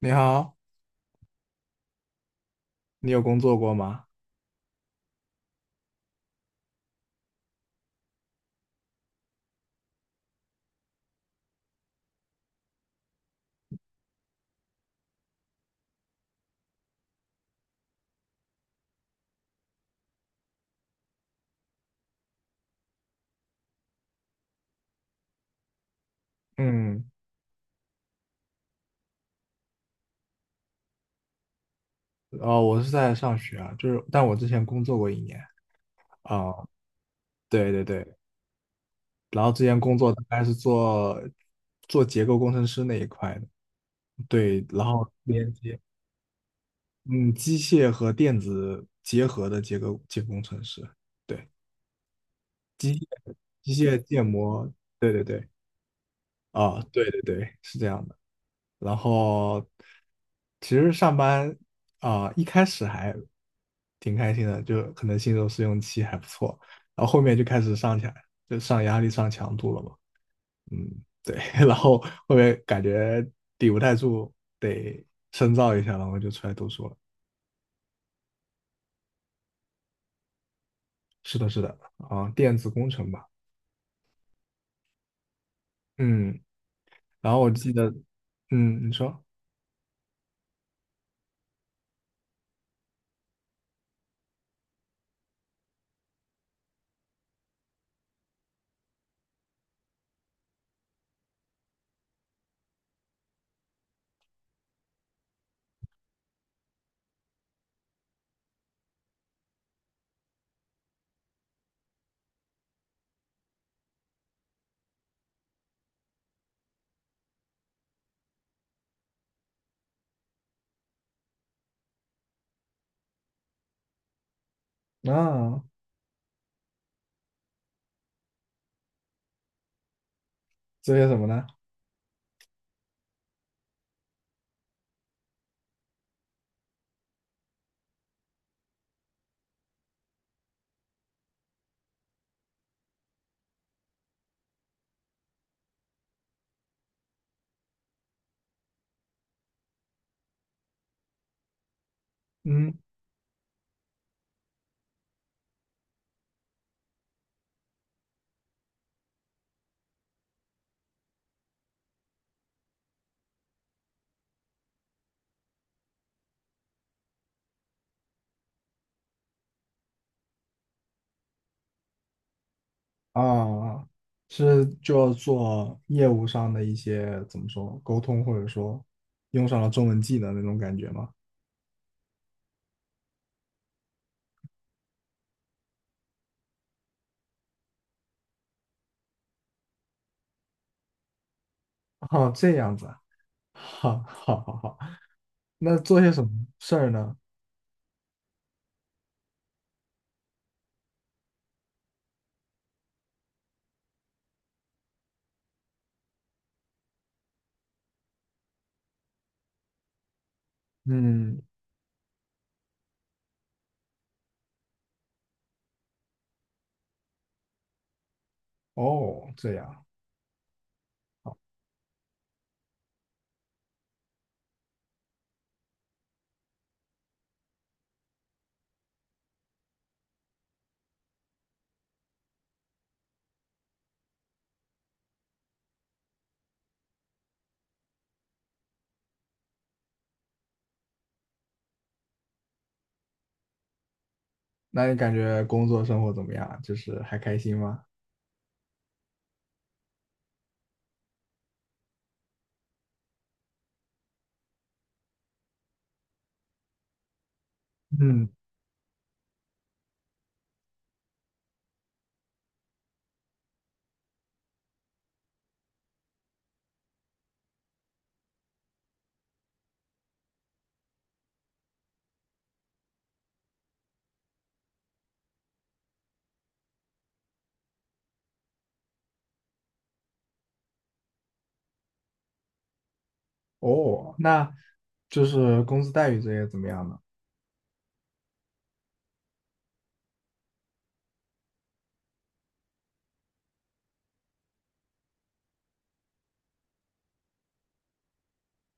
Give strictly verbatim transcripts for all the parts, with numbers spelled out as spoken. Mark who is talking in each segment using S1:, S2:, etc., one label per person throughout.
S1: 你好，你有工作过吗？嗯，哦，我是在上学啊，就是，但我之前工作过一年啊，对对对，然后之前工作大概是做做结构工程师那一块的，对，然后连接，嗯，机械和电子结合的结构结构工程师，对，机械建模，对对对，啊，对对对，是这样的。然后其实上班啊、一开始还挺开心的，就可能新手试用期还不错，然后后面就开始上起来，就上压力、上强度了嘛。嗯，对，然后后面感觉抵不太住，得深造一下，然后就出来读书了。是的，是的，啊，电子工程吧。嗯，然后我记得，嗯，你说啊，做些什么呢？嗯。啊，是就要做业务上的一些怎么说沟通，或者说用上了中文技能那种感觉吗？哦，这样子哈，好，好，好，好，好。那做些什么事儿呢？嗯，哦，这样。那你感觉工作生活怎么样？就是还开心吗？嗯，哦，那就是工资待遇这些怎么样呢？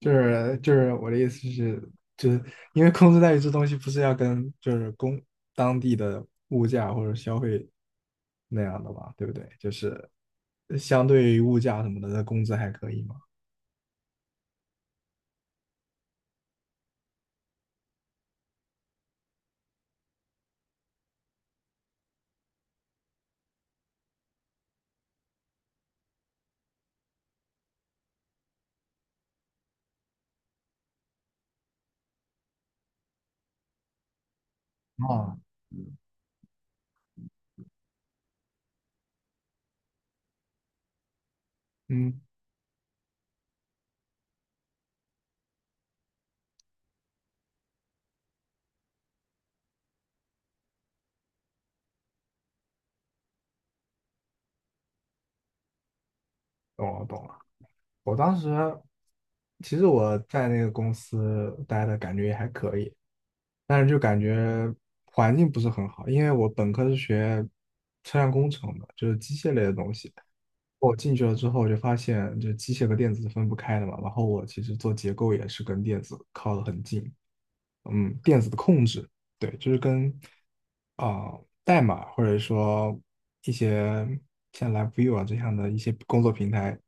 S1: 就是就是我的意思是，就是因为工资待遇这东西不是要跟就是工当地的物价或者消费那样的嘛，对不对？就是相对于物价什么的，那工资还可以嘛。啊，嗯，懂了懂了。我当时其实我在那个公司待的感觉也还可以，但是就感觉环境不是很好，因为我本科是学车辆工程的，就是机械类的东西。我进去了之后，我就发现这机械和电子是分不开的嘛。然后我其实做结构也是跟电子靠得很近，嗯，电子的控制，对，就是跟啊、代码或者说一些像 LabVIEW 啊这样的一些工作平台，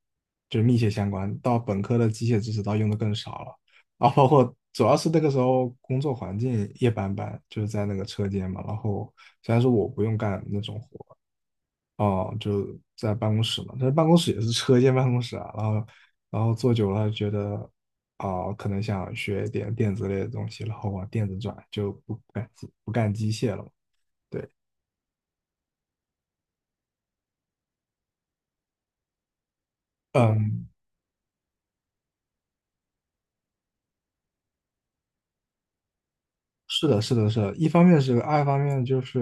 S1: 就是密切相关。到本科的机械知识倒用的更少了，啊，包括主要是那个时候工作环境一般般，就是在那个车间嘛。然后虽然说我不用干那种活，哦，就在办公室嘛，但是办公室也是车间办公室啊，然后然后坐久了觉得，啊、可能想学点电子类的东西，然后往电子转，就不干不干机械了嘛对，哦嗯，是的，是的，是的，一方面是爱，二方面就是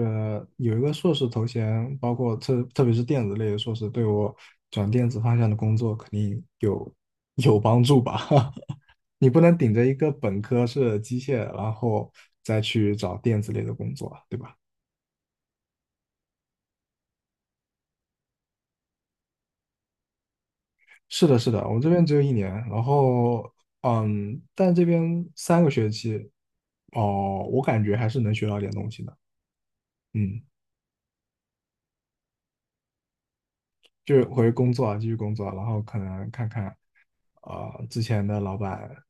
S1: 有一个硕士头衔，包括特特别是电子类的硕士，对我转电子方向的工作肯定有有帮助吧。你不能顶着一个本科是机械，然后再去找电子类的工作啊，对吧？是的，是的，我这边只有一年，然后嗯，但这边三个学期，哦，我感觉还是能学到点东西的，嗯。就是回工作啊，继续工作啊，然后可能看看，呃，之前的老板，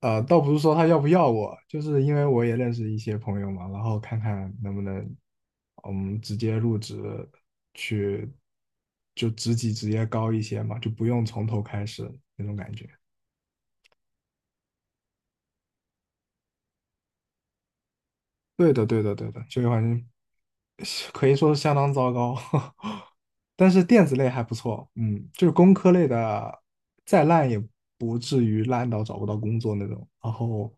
S1: 呃，倒不是说他要不要我，就是因为我也认识一些朋友嘛，然后看看能不能，嗯，直接入职去，就职级直接高一些嘛，就不用从头开始那种感觉。对的，对的，对的，就业环境可以说是相当糟糕，但是电子类还不错，嗯，就是工科类的再烂也不至于烂到找不到工作那种。然后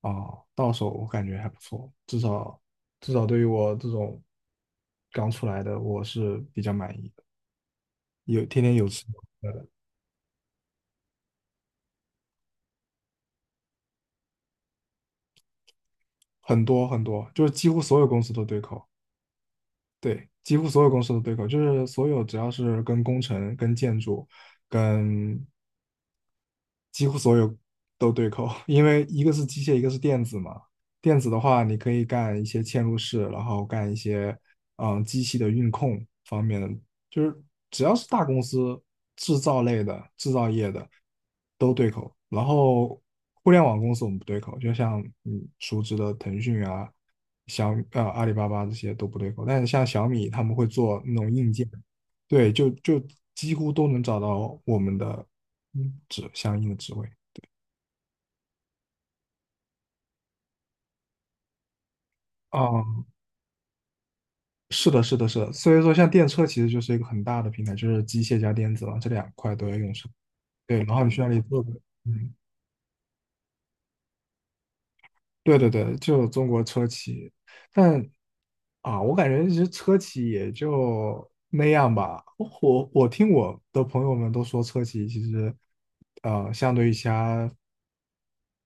S1: 啊，到手我感觉还不错，至少至少对于我这种刚出来的，我是比较满意的。有天天有吃，很多很多，就是几乎所有公司都对口，对，几乎所有公司都对口，就是所有只要是跟工程、跟建筑。跟几乎所有都对口，因为一个是机械，一个是电子嘛。电子的话，你可以干一些嵌入式，然后干一些嗯机器的运控方面的，就是只要是大公司制造类的、制造业的都对口。然后互联网公司我们不对口，就像你熟知的腾讯啊、小呃阿里巴巴这些都不对口，但是像小米他们会做那种硬件。对，就就几乎都能找到我们的嗯，指相应的职位。嗯，是的，是的，是的。所以说，像电车其实就是一个很大的平台，就是机械加电子嘛，这两块都要用上。对，然后你去那里做个，嗯，对对对，就中国车企，但啊，我感觉其实车企也就那样吧。我我听我的朋友们都说，车企其实，呃，相对于其他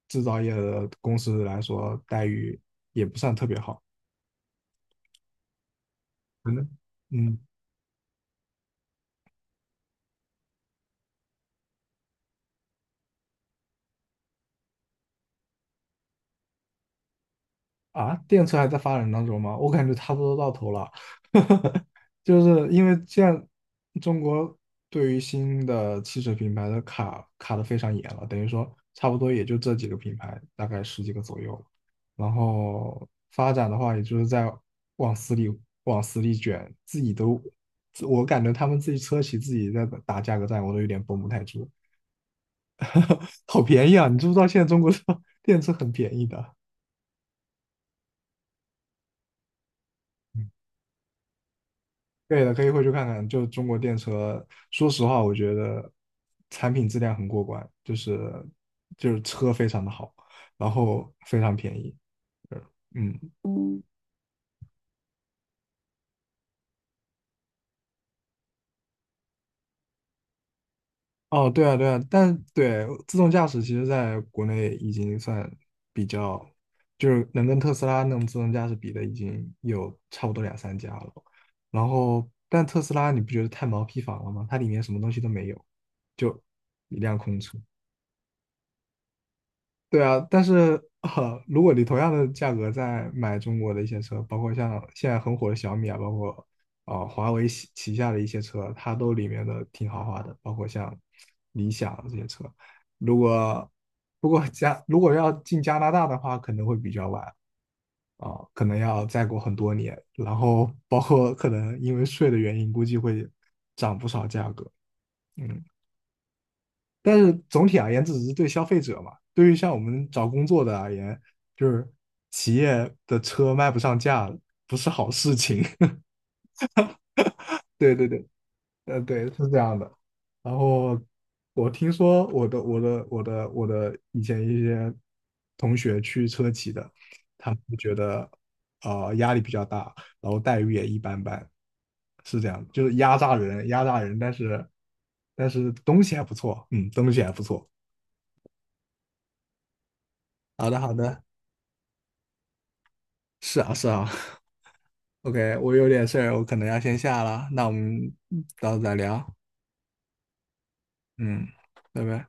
S1: 制造业的公司来说，待遇也不算特别好。可能。嗯，啊，电车还在发展当中吗？我感觉差不多到头了，就是因为现在中国对于新的汽车品牌的卡卡的非常严了，等于说差不多也就这几个品牌，大概十几个左右。然后发展的话，也就是在往死里往死里卷，自己都，自我感觉他们自己车企自己在打价格战，我都有点绷不太住。好便宜啊！你知不知道现在中国车 电车很便宜的？对的，可以回去看看。就中国电车，说实话，我觉得产品质量很过关，就是就是车非常的好，然后非常便宜。呃嗯，哦，对啊，对啊，但对自动驾驶，其实在国内已经算比较，就是能跟特斯拉那种自动驾驶比的，已经有差不多两三家了。然后，但特斯拉你不觉得太毛坯房了吗？它里面什么东西都没有，就一辆空车。对啊，但是呃，如果你同样的价格在买中国的一些车，包括像现在很火的小米啊，包括啊、呃华为旗旗下的一些车，它都里面的挺豪华的，包括像理想这些车。如果不过加如果要进加拿大的话，可能会比较晚啊、可能要再过很多年，然后包括可能因为税的原因，估计会涨不少价格。嗯，但是总体而言，这只是对消费者嘛。对于像我们找工作的而言，就是企业的车卖不上价，不是好事情。对对对，呃，对，是这样的。然后我听说我的我的我的我的以前一些同学去车企的，他们就觉得呃压力比较大，然后待遇也一般般，是这样，就是压榨人，压榨人，但是但是东西还不错，嗯，东西还不错。好的，好的。是啊，是啊。OK，我有点事儿，我可能要先下了，那我们到时候再聊。嗯，拜拜。